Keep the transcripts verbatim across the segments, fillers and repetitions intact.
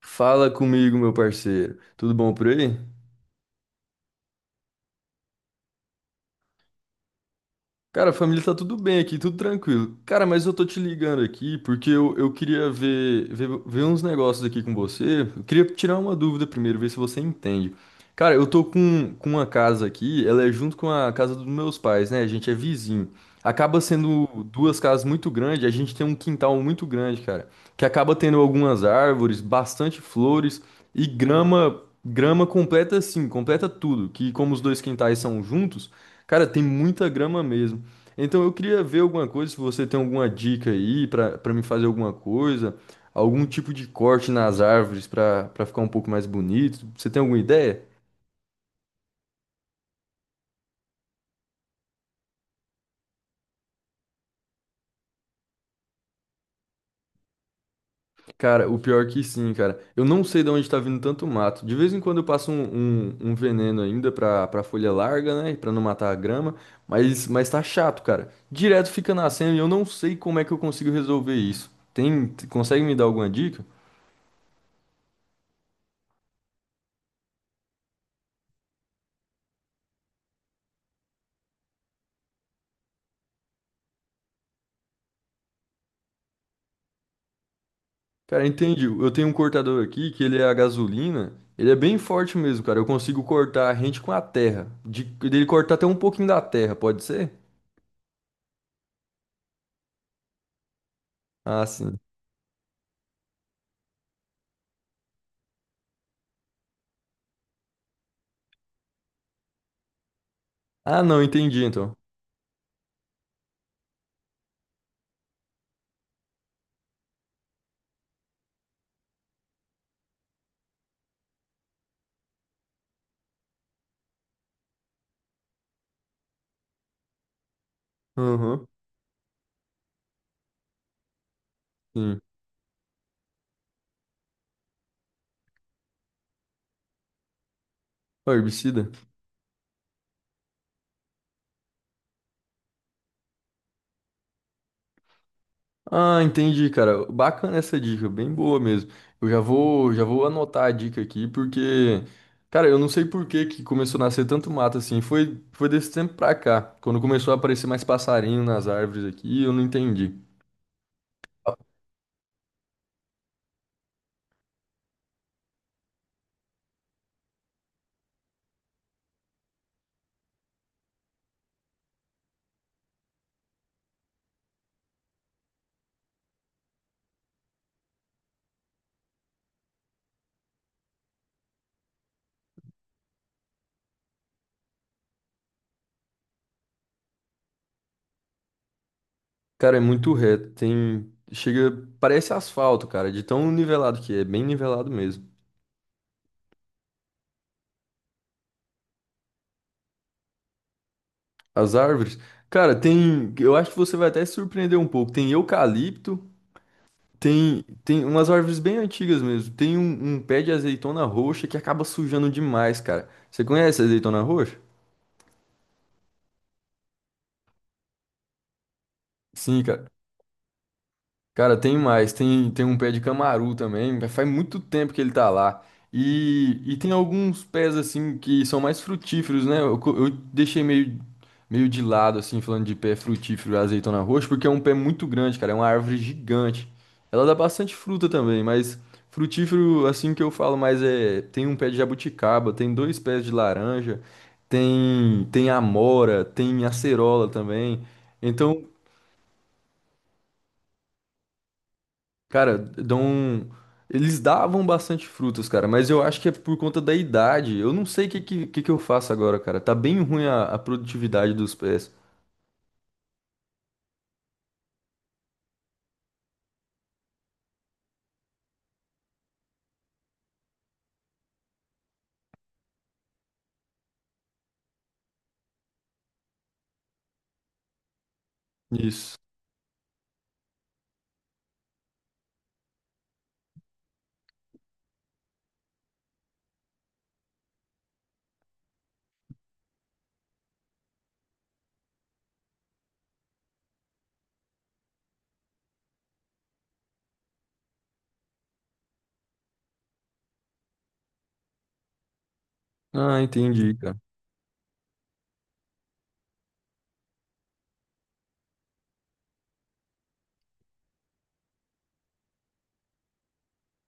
Fala comigo, meu parceiro. Tudo bom por aí? Cara, a família tá tudo bem aqui, tudo tranquilo. Cara, mas eu tô te ligando aqui porque eu, eu queria ver, ver, ver uns negócios aqui com você. Eu queria tirar uma dúvida primeiro, ver se você entende. Cara, eu tô com, com uma casa aqui, ela é junto com a casa dos meus pais, né? A gente é vizinho. Acaba sendo duas casas muito grandes, a gente tem um quintal muito grande, cara, que acaba tendo algumas árvores, bastante flores e grama, grama completa assim, completa tudo, que como os dois quintais são juntos, cara, tem muita grama mesmo. Então eu queria ver alguma coisa, se você tem alguma dica aí pra para me fazer alguma coisa, algum tipo de corte nas árvores pra para ficar um pouco mais bonito. Você tem alguma ideia? Cara, o pior que sim, cara. Eu não sei de onde tá vindo tanto mato. De vez em quando eu passo um, um, um veneno ainda pra, pra folha larga, né? Pra não matar a grama. Mas, mas tá chato, cara. Direto fica nascendo e eu não sei como é que eu consigo resolver isso. Tem, consegue me dar alguma dica? Cara, entendi. Eu tenho um cortador aqui que ele é a gasolina. Ele é bem forte mesmo, cara. Eu consigo cortar rente com a terra. De, dele cortar até um pouquinho da terra, pode ser? Ah, sim. Ah, não, entendi então. Aham, sim. Ó, herbicida. Ah, entendi, cara. Bacana essa dica, bem boa mesmo. Eu já vou, já vou anotar a dica aqui, porque, cara, eu não sei por que que começou a nascer tanto mato assim. Foi, foi desse tempo pra cá, quando começou a aparecer mais passarinho nas árvores aqui, eu não entendi. Cara, é muito reto, tem... Chega, parece asfalto, cara, de tão nivelado que é, bem nivelado mesmo. As árvores, cara, tem... Eu acho que você vai até se surpreender um pouco. Tem eucalipto, tem, tem umas árvores bem antigas mesmo. Tem um, um pé de azeitona roxa que acaba sujando demais, cara. Você conhece a azeitona roxa? Sim, cara. Cara, tem mais. Tem, tem um pé de camaru também, mas faz muito tempo que ele tá lá. E, e tem alguns pés, assim, que são mais frutíferos, né? Eu, co- eu deixei meio, meio de lado, assim, falando de pé frutífero, azeitona roxa, porque é um pé muito grande, cara. É uma árvore gigante. Ela dá bastante fruta também, mas frutífero, assim, que eu falo mais é... Tem um pé de jabuticaba, tem dois pés de laranja, tem, tem amora, tem acerola também. Então, cara, dão. Um, eles davam bastante frutas, cara, mas eu acho que é por conta da idade. Eu não sei o que, que, que que eu faço agora, cara. Tá bem ruim a, a produtividade dos pés. Isso. Ah, entendi, cara.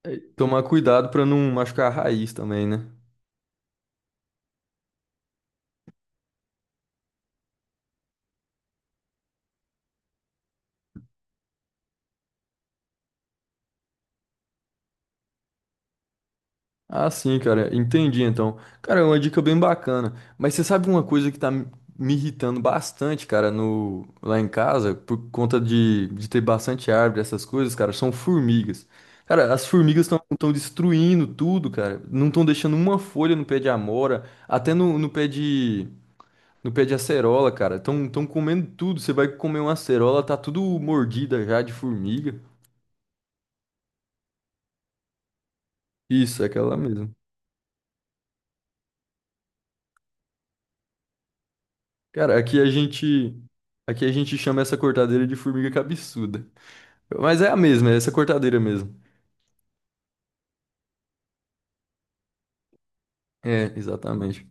É, tomar cuidado pra não machucar a raiz também, né? Ah, sim, cara, entendi então. Cara, é uma dica bem bacana. Mas você sabe uma coisa que tá me me irritando bastante, cara, no lá em casa, por conta de, de ter bastante árvore, essas coisas, cara, são formigas. Cara, as formigas estão estão destruindo tudo, cara. Não estão deixando uma folha no pé de amora, até no, no pé de no pé de acerola, cara. Estão estão comendo tudo. Você vai comer uma acerola, tá tudo mordida já de formiga. Isso, é aquela mesmo. Cara, aqui a gente aqui a gente chama essa cortadeira de formiga cabeçuda. Mas é a mesma, é essa cortadeira mesmo. É, exatamente.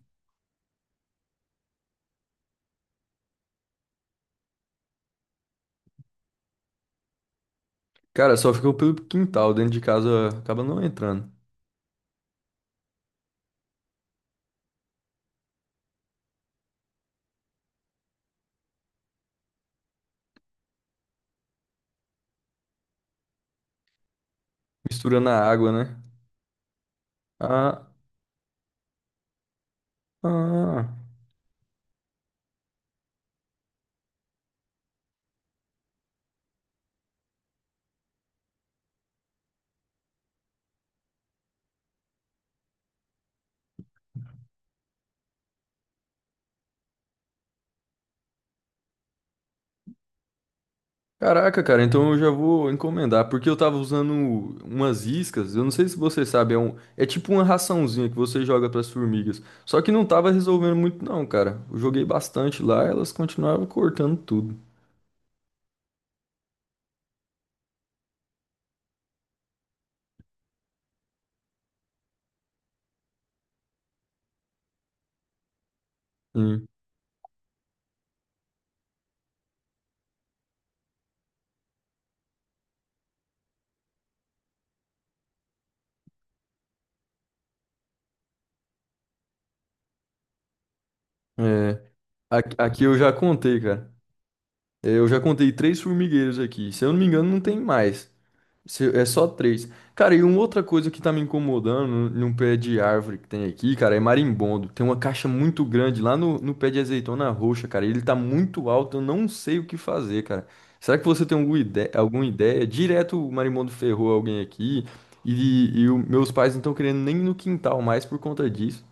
Cara, só ficou pelo quintal, dentro de casa acaba não entrando. Misturando a água, né? Ah, ah. Caraca, cara, então eu já vou encomendar, porque eu tava usando umas iscas, eu não sei se você sabe, é um, é tipo uma raçãozinha que você joga pras formigas. Só que não tava resolvendo muito não, cara. Eu joguei bastante lá, elas continuavam cortando tudo. Sim. É, Aqui, aqui eu já contei, cara. Eu já contei três formigueiros aqui. Se eu não me engano, não tem mais. Se- É só três. Cara, e uma outra coisa que tá me incomodando num num pé de árvore que tem aqui, cara, é marimbondo. Tem uma caixa muito grande lá no, no pé de azeitona roxa, cara. Ele tá muito alto, eu não sei o que fazer, cara. Será que você tem alguma ideia? Alguma ideia? Direto o marimbondo ferrou alguém aqui e, e o- meus pais não estão querendo nem ir no quintal mais por conta disso.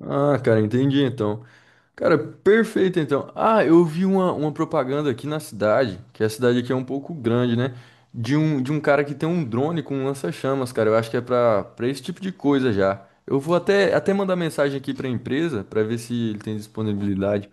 Ah, cara, entendi então. Cara, perfeito então. Ah, eu vi uma, uma propaganda aqui na cidade, que a cidade aqui é um pouco grande, né? De um, de um cara que tem um drone com um lança-chamas, cara. Eu acho que é pra, pra esse tipo de coisa já. Eu vou até, até mandar mensagem aqui pra empresa pra ver se ele tem disponibilidade.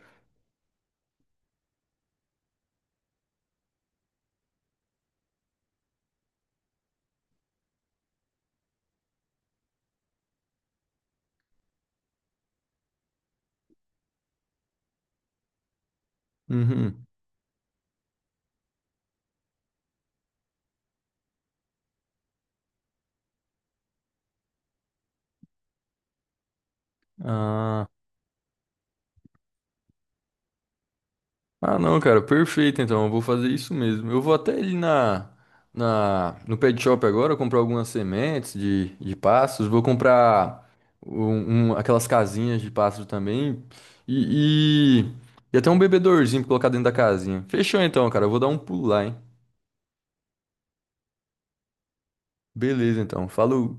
Uhum. Ah. Ah, não, cara, perfeito. Então, eu vou fazer isso mesmo. Eu vou até ali na, na, no pet shop agora comprar algumas sementes de, de pássaros. Vou comprar um, um- aquelas casinhas de pássaro também. E, e, e até um bebedorzinho pra colocar dentro da casinha. Fechou então, cara. Eu vou dar um pulo lá, hein? Beleza, então. Falou.